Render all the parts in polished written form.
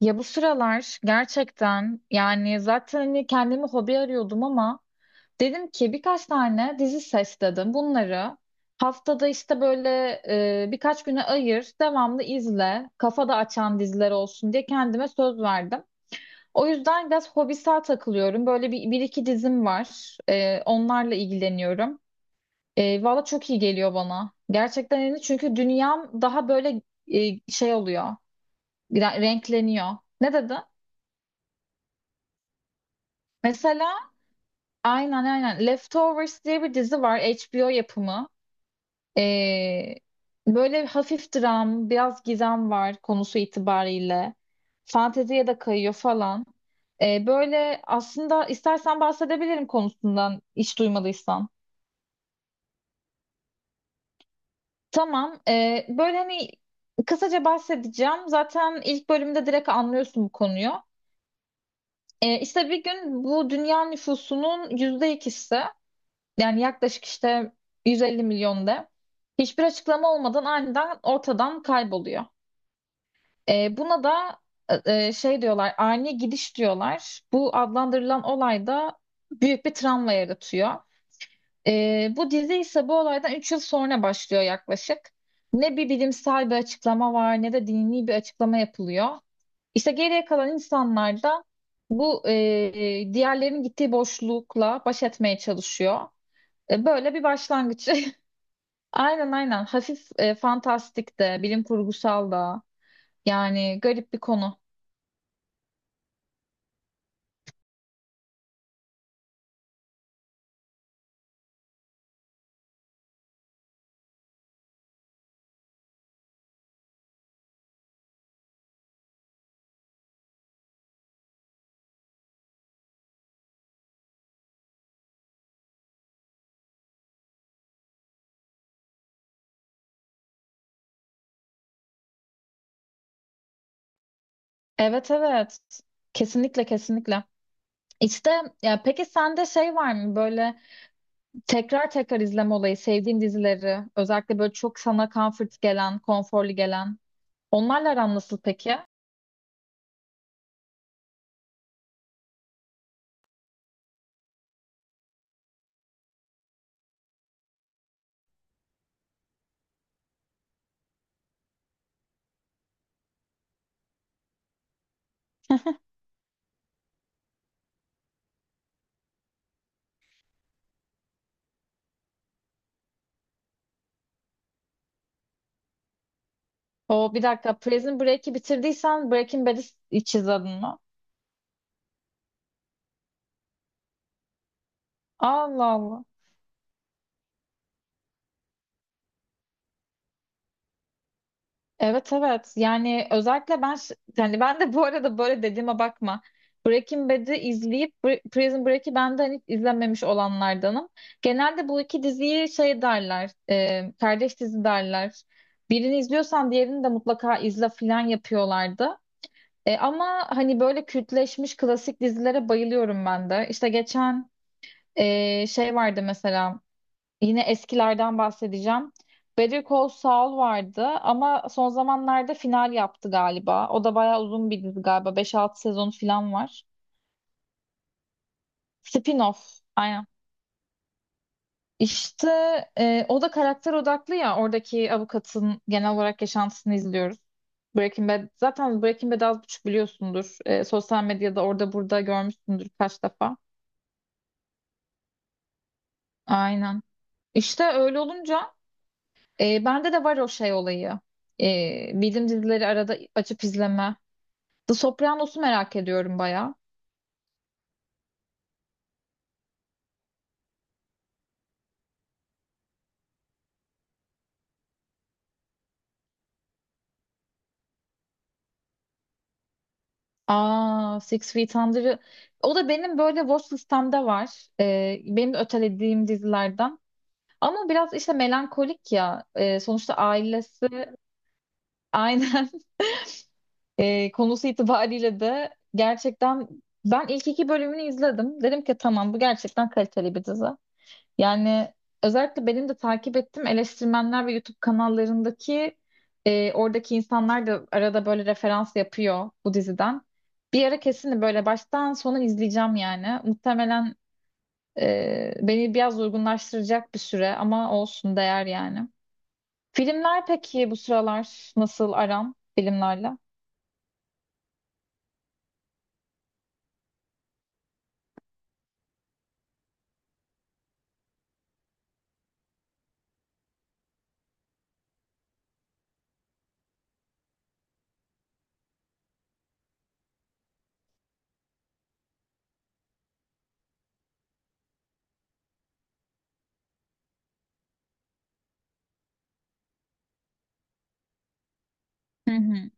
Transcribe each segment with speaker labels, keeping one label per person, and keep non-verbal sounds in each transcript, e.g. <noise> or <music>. Speaker 1: Ya bu sıralar gerçekten yani zaten hani kendimi hobi arıyordum ama dedim ki birkaç tane dizi seçtim. Bunları haftada işte böyle, birkaç güne ayır, devamlı izle, kafa da açan diziler olsun diye kendime söz verdim. O yüzden biraz hobisel takılıyorum. Böyle bir iki dizim var. Onlarla ilgileniyorum. Valla çok iyi geliyor bana. Gerçekten yani, çünkü dünyam daha böyle, şey oluyor, renkleniyor. Ne dedi? Mesela. Aynen, aynen. Leftovers diye bir dizi var. HBO yapımı. Ee, böyle hafif dram, biraz gizem var konusu itibariyle. Fanteziye de kayıyor falan. Böyle aslında, istersen bahsedebilirim, konusundan hiç duymadıysan. Tamam. Böyle hani kısaca bahsedeceğim. Zaten ilk bölümde direkt anlıyorsun bu konuyu. İşte bir gün bu dünya nüfusunun %2'si, yani yaklaşık işte 150 milyon de, hiçbir açıklama olmadan aniden ortadan kayboluyor. Buna da şey diyorlar, ani gidiş diyorlar. Bu adlandırılan olay da büyük bir travma yaratıyor. Bu dizi ise bu olaydan 3 yıl sonra başlıyor yaklaşık. Ne bir bilimsel bir açıklama var, ne de dini bir açıklama yapılıyor. İşte geriye kalan insanlar da bu, diğerlerinin gittiği boşlukla baş etmeye çalışıyor. Böyle bir başlangıç. <laughs> Aynen, aynen. Hafif, fantastik de, bilim kurgusal da. Yani garip bir konu. Evet, evet. Kesinlikle, kesinlikle. İşte, ya peki sende şey var mı böyle, tekrar tekrar izleme olayı, sevdiğin dizileri, özellikle böyle çok sana comfort gelen, konforlu gelen. Onlarla aran nasıl peki? O bir dakika, Prison Break'i bitirdiysen Breaking Bad'i hiç izledin mi? Allah Allah. Evet, evet, yani özellikle ben, yani ben de bu arada böyle, dediğime bakma. Breaking Bad'i izleyip Prison Break'i ben de hani hiç izlememiş olanlardanım. Genelde bu iki diziyi şey derler, kardeş dizi derler. Birini izliyorsan diğerini de mutlaka izle filan yapıyorlardı. Ama hani böyle kültleşmiş klasik dizilere bayılıyorum ben de. İşte geçen, şey vardı mesela. Yine eskilerden bahsedeceğim. Better Call Saul vardı ama son zamanlarda final yaptı galiba. O da bayağı uzun bir dizi galiba. Beş altı sezonu falan var. Spin-off. Aynen. İşte, o da karakter odaklı ya. Oradaki avukatın genel olarak yaşantısını izliyoruz. Breaking Bad. Zaten Breaking Bad'i az buçuk biliyorsundur. Sosyal medyada orada burada görmüşsündür kaç defa. Aynen. İşte öyle olunca, bende de var o şey olayı. Bildiğim dizileri arada açıp izleme. The Sopranos'u merak ediyorum bayağı. Aa, Six Feet Under'ı. O da benim böyle watch listemde var. Benim de ötelediğim dizilerden. Ama biraz işte melankolik ya. Sonuçta ailesi, aynen. <laughs> Konusu itibariyle de gerçekten, ben ilk iki bölümünü izledim. Dedim ki tamam, bu gerçekten kaliteli bir dizi. Yani özellikle benim de takip ettiğim eleştirmenler ve YouTube kanallarındaki, oradaki insanlar da arada böyle referans yapıyor bu diziden. Bir ara kesin böyle baştan sona izleyeceğim yani. Muhtemelen, beni biraz uygunlaştıracak bir süre ama olsun, değer yani. Filmler peki, bu sıralar nasıl aran filmlerle? Hı hı.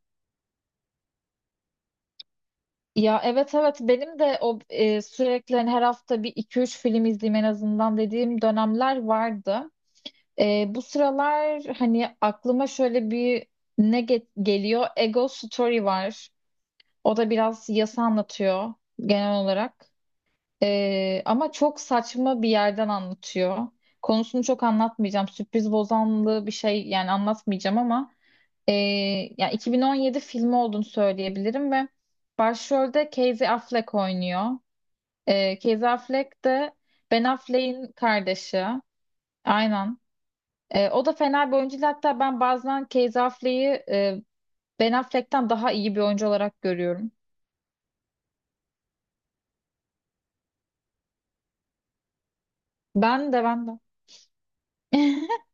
Speaker 1: Ya evet, evet, benim de o, sürekli hani her hafta bir iki üç film izleyeyim en azından dediğim dönemler vardı. Bu sıralar hani aklıma şöyle bir ne, geliyor? Ego Story var. O da biraz yasa anlatıyor genel olarak. Ama çok saçma bir yerden anlatıyor. Konusunu çok anlatmayacağım. Sürpriz bozanlığı bir şey yani anlatmayacağım ama, ee, yani 2017 filmi olduğunu söyleyebilirim ve başrolde Casey Affleck oynuyor. Casey Affleck de Ben Affleck'in kardeşi. Aynen. O da fena bir oyuncu değil. Hatta ben bazen Casey Affleck'i, Ben Affleck'ten daha iyi bir oyuncu olarak görüyorum. Ben de, ben de. <laughs>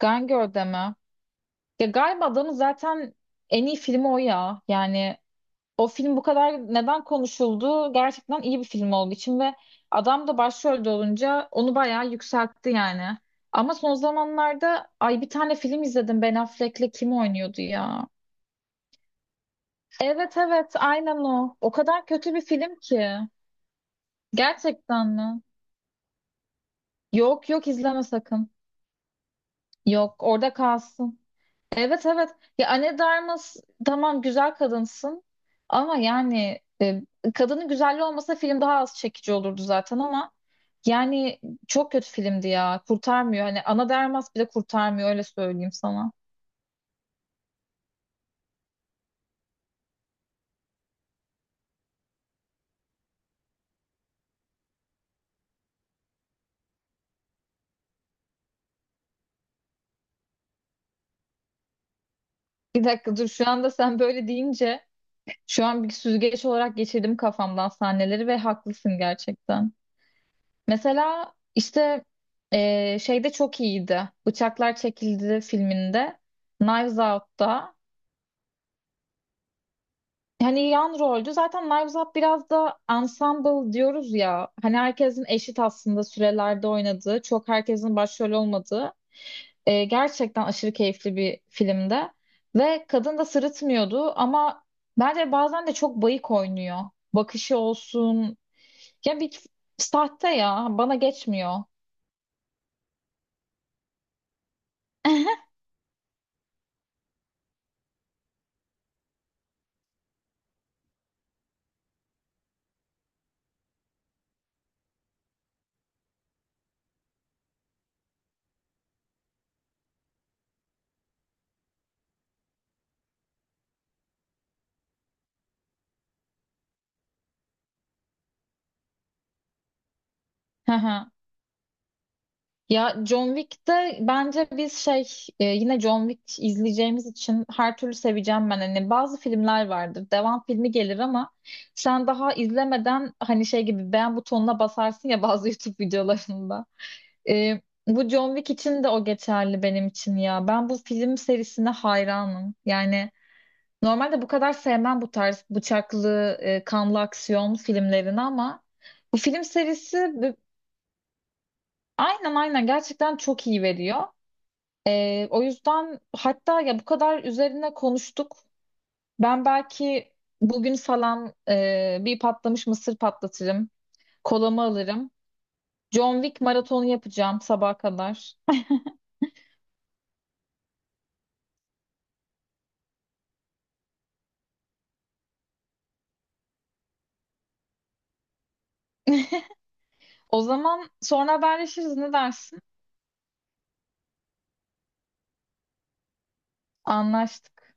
Speaker 1: Gone Girl'de mi? Ya galiba adamın zaten en iyi filmi o ya. Yani o film bu kadar neden konuşuldu? Gerçekten iyi bir film olduğu için ve adam da başrolde olunca onu bayağı yükseltti yani. Ama son zamanlarda, ay, bir tane film izledim Ben Affleck'le, kim oynuyordu ya? Evet, evet, aynen o. O kadar kötü bir film ki. Gerçekten mi? Yok, yok, izleme sakın. Yok, orada kalsın. Evet, evet. Ya Anne Darmas, tamam güzel kadınsın, ama yani, kadının güzelliği olmasa film daha az çekici olurdu zaten, ama yani çok kötü filmdi ya. Kurtarmıyor. Hani Ana Darmas bile kurtarmıyor, öyle söyleyeyim sana. Bir dakika dur, şu anda sen böyle deyince şu an bir süzgeç olarak geçirdim kafamdan sahneleri ve haklısın gerçekten. Mesela işte, şeyde çok iyiydi. Bıçaklar Çekildi filminde. Knives Out'ta. Yani yan roldü. Zaten Knives Up biraz da ensemble diyoruz ya. Hani herkesin eşit aslında sürelerde oynadığı, çok herkesin başrol olmadığı, gerçekten aşırı keyifli bir filmde. Ve kadın da sırıtmıyordu ama bence bazen de çok bayık oynuyor. Bakışı olsun. Ya, bir sahte ya. Bana geçmiyor. <laughs> Ya John Wick'te bence biz, yine John Wick izleyeceğimiz için her türlü seveceğim ben. Hani bazı filmler vardır. Devam filmi gelir ama sen daha izlemeden hani şey gibi beğen butonuna basarsın ya, bazı <laughs> YouTube videolarında. E, bu John Wick için de o geçerli benim için ya. Ben bu film serisine hayranım. Yani normalde bu kadar sevmem bu tarz bıçaklı, kanlı aksiyon filmlerini ama bu film serisi, aynen, aynen, gerçekten çok iyi veriyor. O yüzden hatta ya, bu kadar üzerine konuştuk. Ben belki bugün falan, bir patlamış mısır patlatırım. Kolamı alırım. John Wick maratonu yapacağım sabaha kadar. O zaman sonra haberleşiriz, ne dersin? Anlaştık.